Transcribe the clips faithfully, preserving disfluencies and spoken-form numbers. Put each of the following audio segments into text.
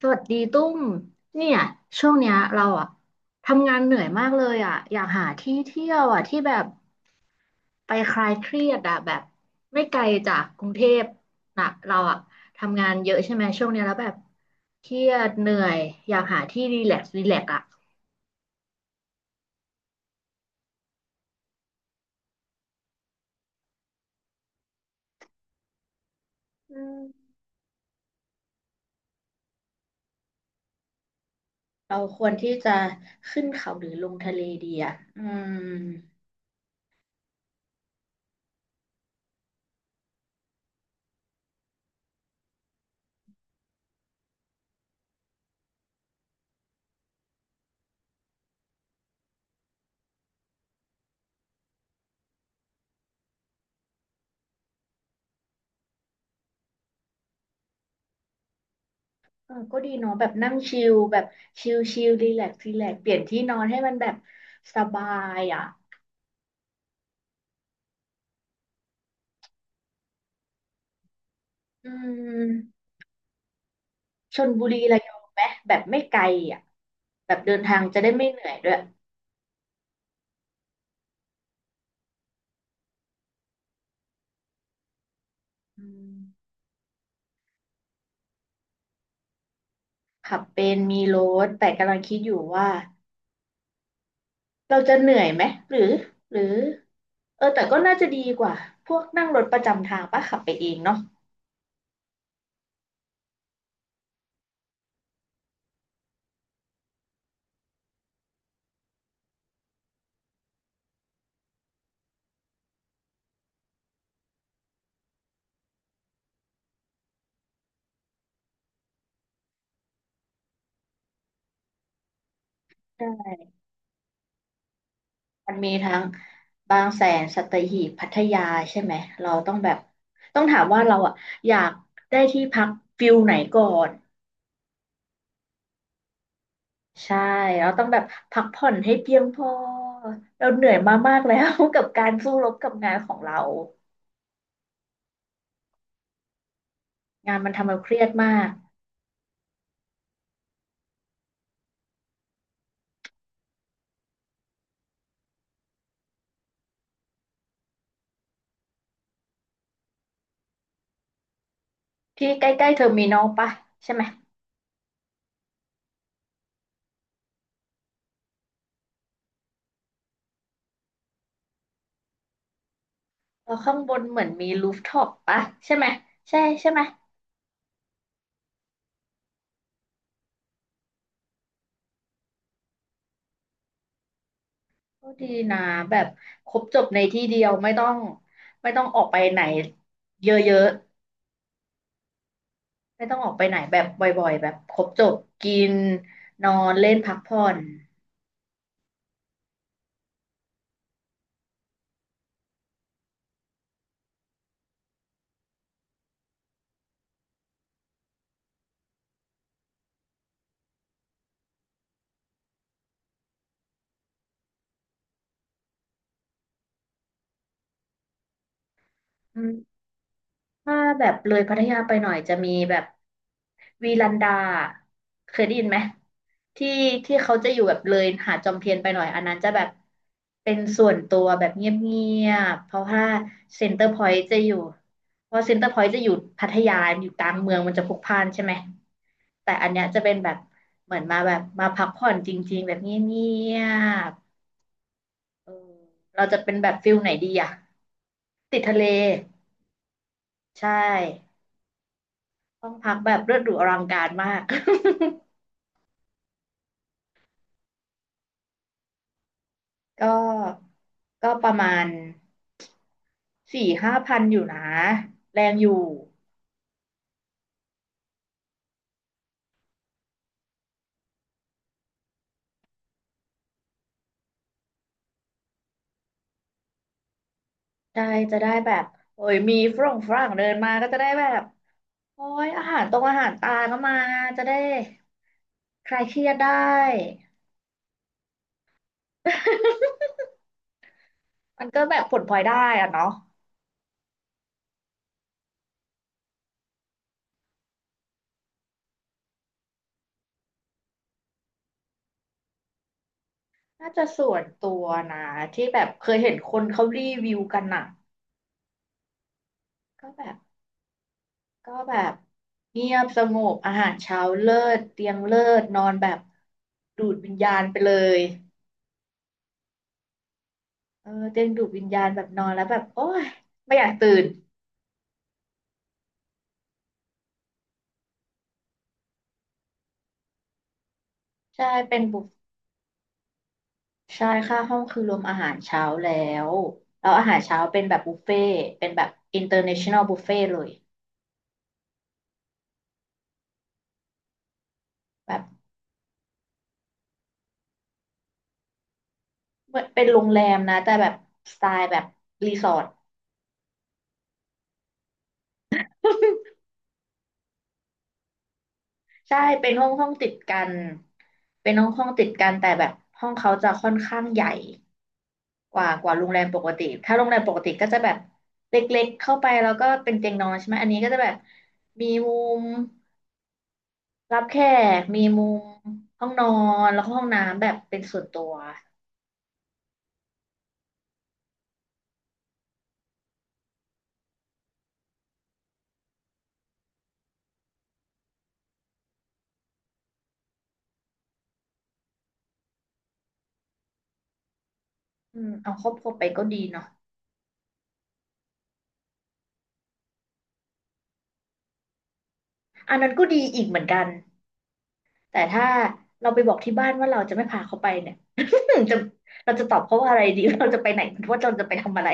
สวัสดีตุ้มเนี่ยช่วงเนี้ยเราอะทำงานเหนื่อยมากเลยอะอยากหาที่เที่ยวอะที่แบบไปคลายเครียดอะแบบไม่ไกลจากกรุงเทพนะเราอะทำงานเยอะใช่ไหมช่วงเนี้ยแล้วแบบเครียดเหนื่อยอยากหาที่รีแลกซ์รีแลกซ์อะอืมเราควรที่จะขึ้นเขาหรือลงทะเลดีอะอืมเออก็ดีเนาะแบบนั่งชิลแบบชิลชิลรีแลกซ์รีแลกซ์เปลี่ยนที่นอนให้มันแบบสบายอะอืม ชลบุรีระยองไหมแบบไม่ไกลอ่ะแบบเดินทางจะได้ไม่เหนื่อยด้วยอืมขับเป็นมีรถแต่กำลังคิดอยู่ว่าเราจะเหนื่อยไหมหรือหรือเออแต่ก็น่าจะดีกว่าพวกนั่งรถประจำทางปะขับไปเองเนาะใช่มันมีทั้งบางแสนสัตหีบพัทยาใช่ไหมเราต้องแบบต้องถามว่าเราอ่ะอยากได้ที่พักฟิลไหนก่อน ใช่เราต้องแบบพักผ่อนให้เพียงพอเราเหนื่อยมามากแล้ว กับการสู้รบกับงานของเรางานมันทำเราเครียดมากที่ใกล้ๆเทอร์มินอลปะใช่ไหมเราข้างบนเหมือนมีรูฟท็อปปะใช่ไหมใช่ใช่ไหมก็ดีนะแบบครบจบในที่เดียวไม่ต้องไม่ต้องออกไปไหนเยอะๆไม่ต้องออกไปไหนแบบบ่อยๆแบบครบจบกินนอนเล่นพักผ่อนอืม ถ้าแบบเลยพัทยาไปหน่อยจะมีแบบวีลันดาเคยได้ยินไหมที่ที่เขาจะอยู่แบบเลยหาดจอมเทียนไปหน่อยอันนั้นจะแบบเป็นส่วนตัวแบบเงียบๆเพราะว่าเซ็นเตอร์พอยต์จะอยู่เพราะเซ็นเตอร์พอยต์จะอยู่พัทยาอยู่กลางเมืองมันจะพลุกพล่านใช่ไหมแต่อันเนี้ยจะเป็นแบบเหมือนมาแบบมาพักผ่อนจริงๆแบบเงียบๆเออเราจะเป็นแบบฟิลไหนดีอะติดทะเลใช่ ห้องพักแบบเลิศหรูอลังการมาก ก็ก็ประมาณสี่ห้าพันอยู่นะ แรงอยู่ได้จะได้แบบโอ้ยมีฝรั่งฝรั่งเดินมาก็จะได้แบบ โอ้ยอาหารตรงอาหารตาก็มาจะได้คลายเครียดได้ มันก็แบบผลพลอยได้อะเนาะน่าจะส่วนตัวนะที่แบบเคยเห็นคนเขารีวิวกันอะก็แบบ ก็แบบเงียบสงบอาหารเช้าเลิศเตียงเลิศนอนแบบดูดวิญญาณไปเลยเออเตียงดูดวิญญาณแบบนอนแล้วแบบโอ้ยไม่อยากตื่นใช่เป็นบุฟใช่ค่าห้องคือรวมอาหารเช้าแล้วแล้วอาหารเช้าเป็นแบบบุฟเฟ่ต์เป็นแบบ international buffet เลยแบบเหมือนเป็นโรงแรมนะแต่แบบสไตล์แบบรีสอร์ทใช่เป็นห้องห้องติดกันเป็นห้องห้องติดกันแต่แบบห้องเขาจะค่อนข้างใหญ่ กว่ากว่าโรงแรมปกติถ้าโรงแรมปกติก็จะแบบเล็กๆเข้าไปแล้วก็เป็นเตียงนอนใช่ไหมอันนี้ก็จะแบบมีมุมรับแขกมีมุมห้องนอนแล้วก็ห้องน้ำแบบเป็นส่วนตัวอืมเอาครอบครัวไปก็ดีเนาะอันนั้นก็ดีอีกเหมือนกันแต่ถ้าเราไปบอกที่บ้านว่าเราจะไม่พาเขาไปเนี่ย หนึ่งจะเราจะตอบเขาว่าอะไรดี เราจะไปไหนว่าเราจะไปทำอะไร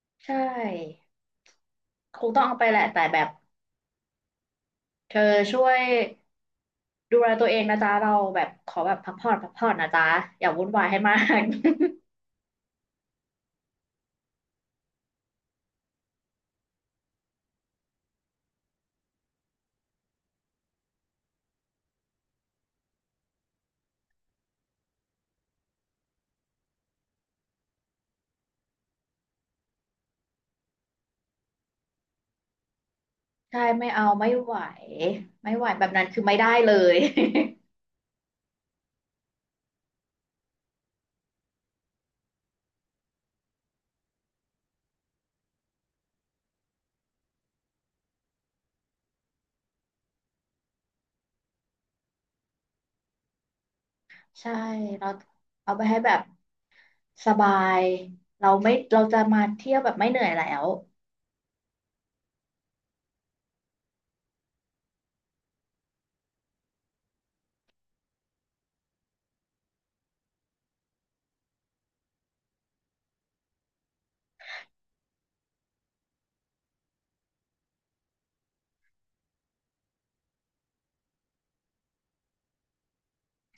ใช่คงต้องเอาไปแหละแต่แบบเธอช่วย ดูแลตัวเองนะจ๊ะเราแบบขอแบบพักผ่อนพักผ่อนนะจ๊ะอย่าวุ่นวายให้มาก ใช่ไม่เอาไม่ไหวไม่ไหวแบบนั้นคือไม่ได้เลย ใช่เราเอาไปให้แบบสบายเราไม่เราจะมาเที่ยวแบบไม่เหนื่อยแล้ว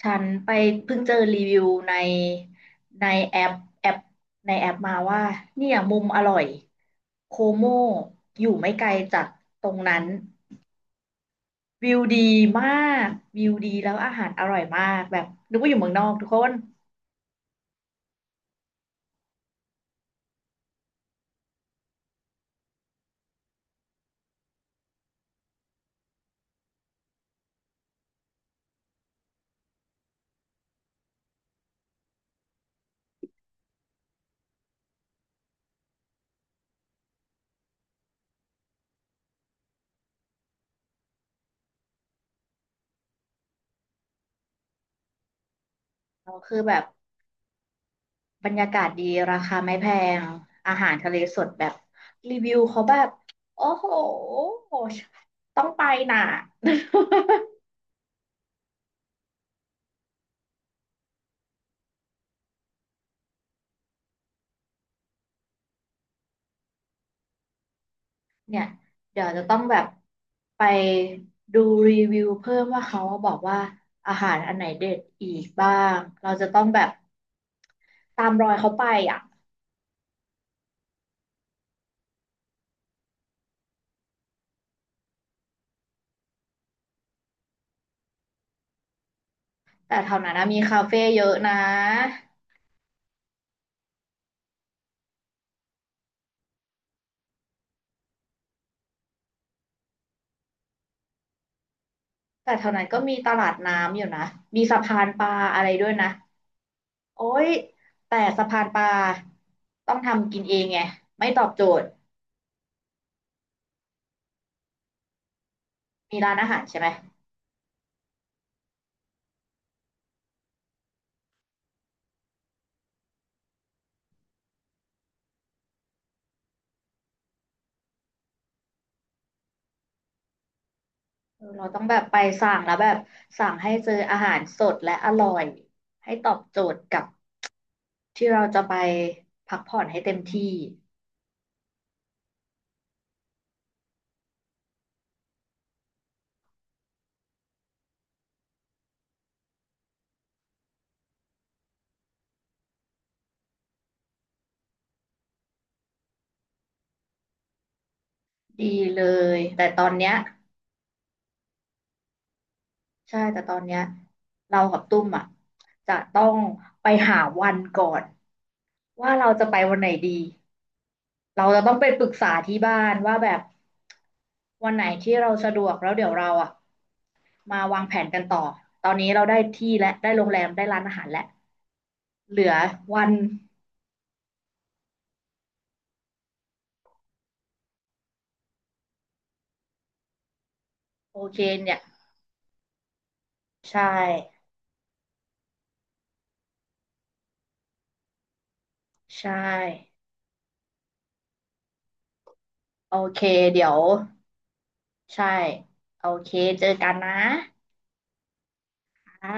ฉันไปเพิ่งเจอรีวิวในในแอปแอปในแอปมาว่าเนี่ยมุมอร่อยโคโมอยู่ไม่ไกลจากตรงนั้น วิวดีมากวิวดีแล้วอาหารอร่อยมากแบบนึกว่าอยู่เมืองนอกทุกคนเราคือแบบบรรยากาศดีราคาไม่แพงอาหารทะเลสดแบบรีวิวเขาแบบโอ้โหต้องไปน่ะ เนี่ยเดี๋ยวจะต้องแบบไปดูรีวิวเพิ่มว่าเขาบอกว่าอาหารอันไหนเด็ดอีกบ้างเราจะต้องแบบตามรอยเขาไปอ่ะแต่แถวนั้นนะมีคาเฟ่เยอะนะ แต่แถวนั้นก็มีตลาดน้ำอยู่นะมีสะพานปลาอะไรด้วยนะโอ๊ยแต่สะพานปลาต้องทำกินเองไงไม่ตอบโจทย์มีร้านอาหารใช่ไหมเออเราต้องแบบไปสั่งแล้วแบบสั่งให้เจออาหารสดและอร่อยให้ตอบโจทย์กับที่เราจะไปพักผ่อนให้เต็มที่ดีเลยแต่ตอนเนี้ยใช่แต่ตอนเนี้ยเรากับตุ้มอ่ะจะต้องไปหาวันก่อนว่าเราจะไปวันไหนดี เราจะต้องไปปรึกษาที่บ้านว่าแบบวันไหนที่เราสะดวกแล้วเดี๋ยวเราอ่ะมาวางแผนกันต่อตอนนี้เราได้ที่และได้โรงแรมได้ร้านอาหารแล้วเหลือวันโอเคเนี่ยใช่ใช่โอเคเดี๋ยวใช่โอเคเจอกันนะอ่า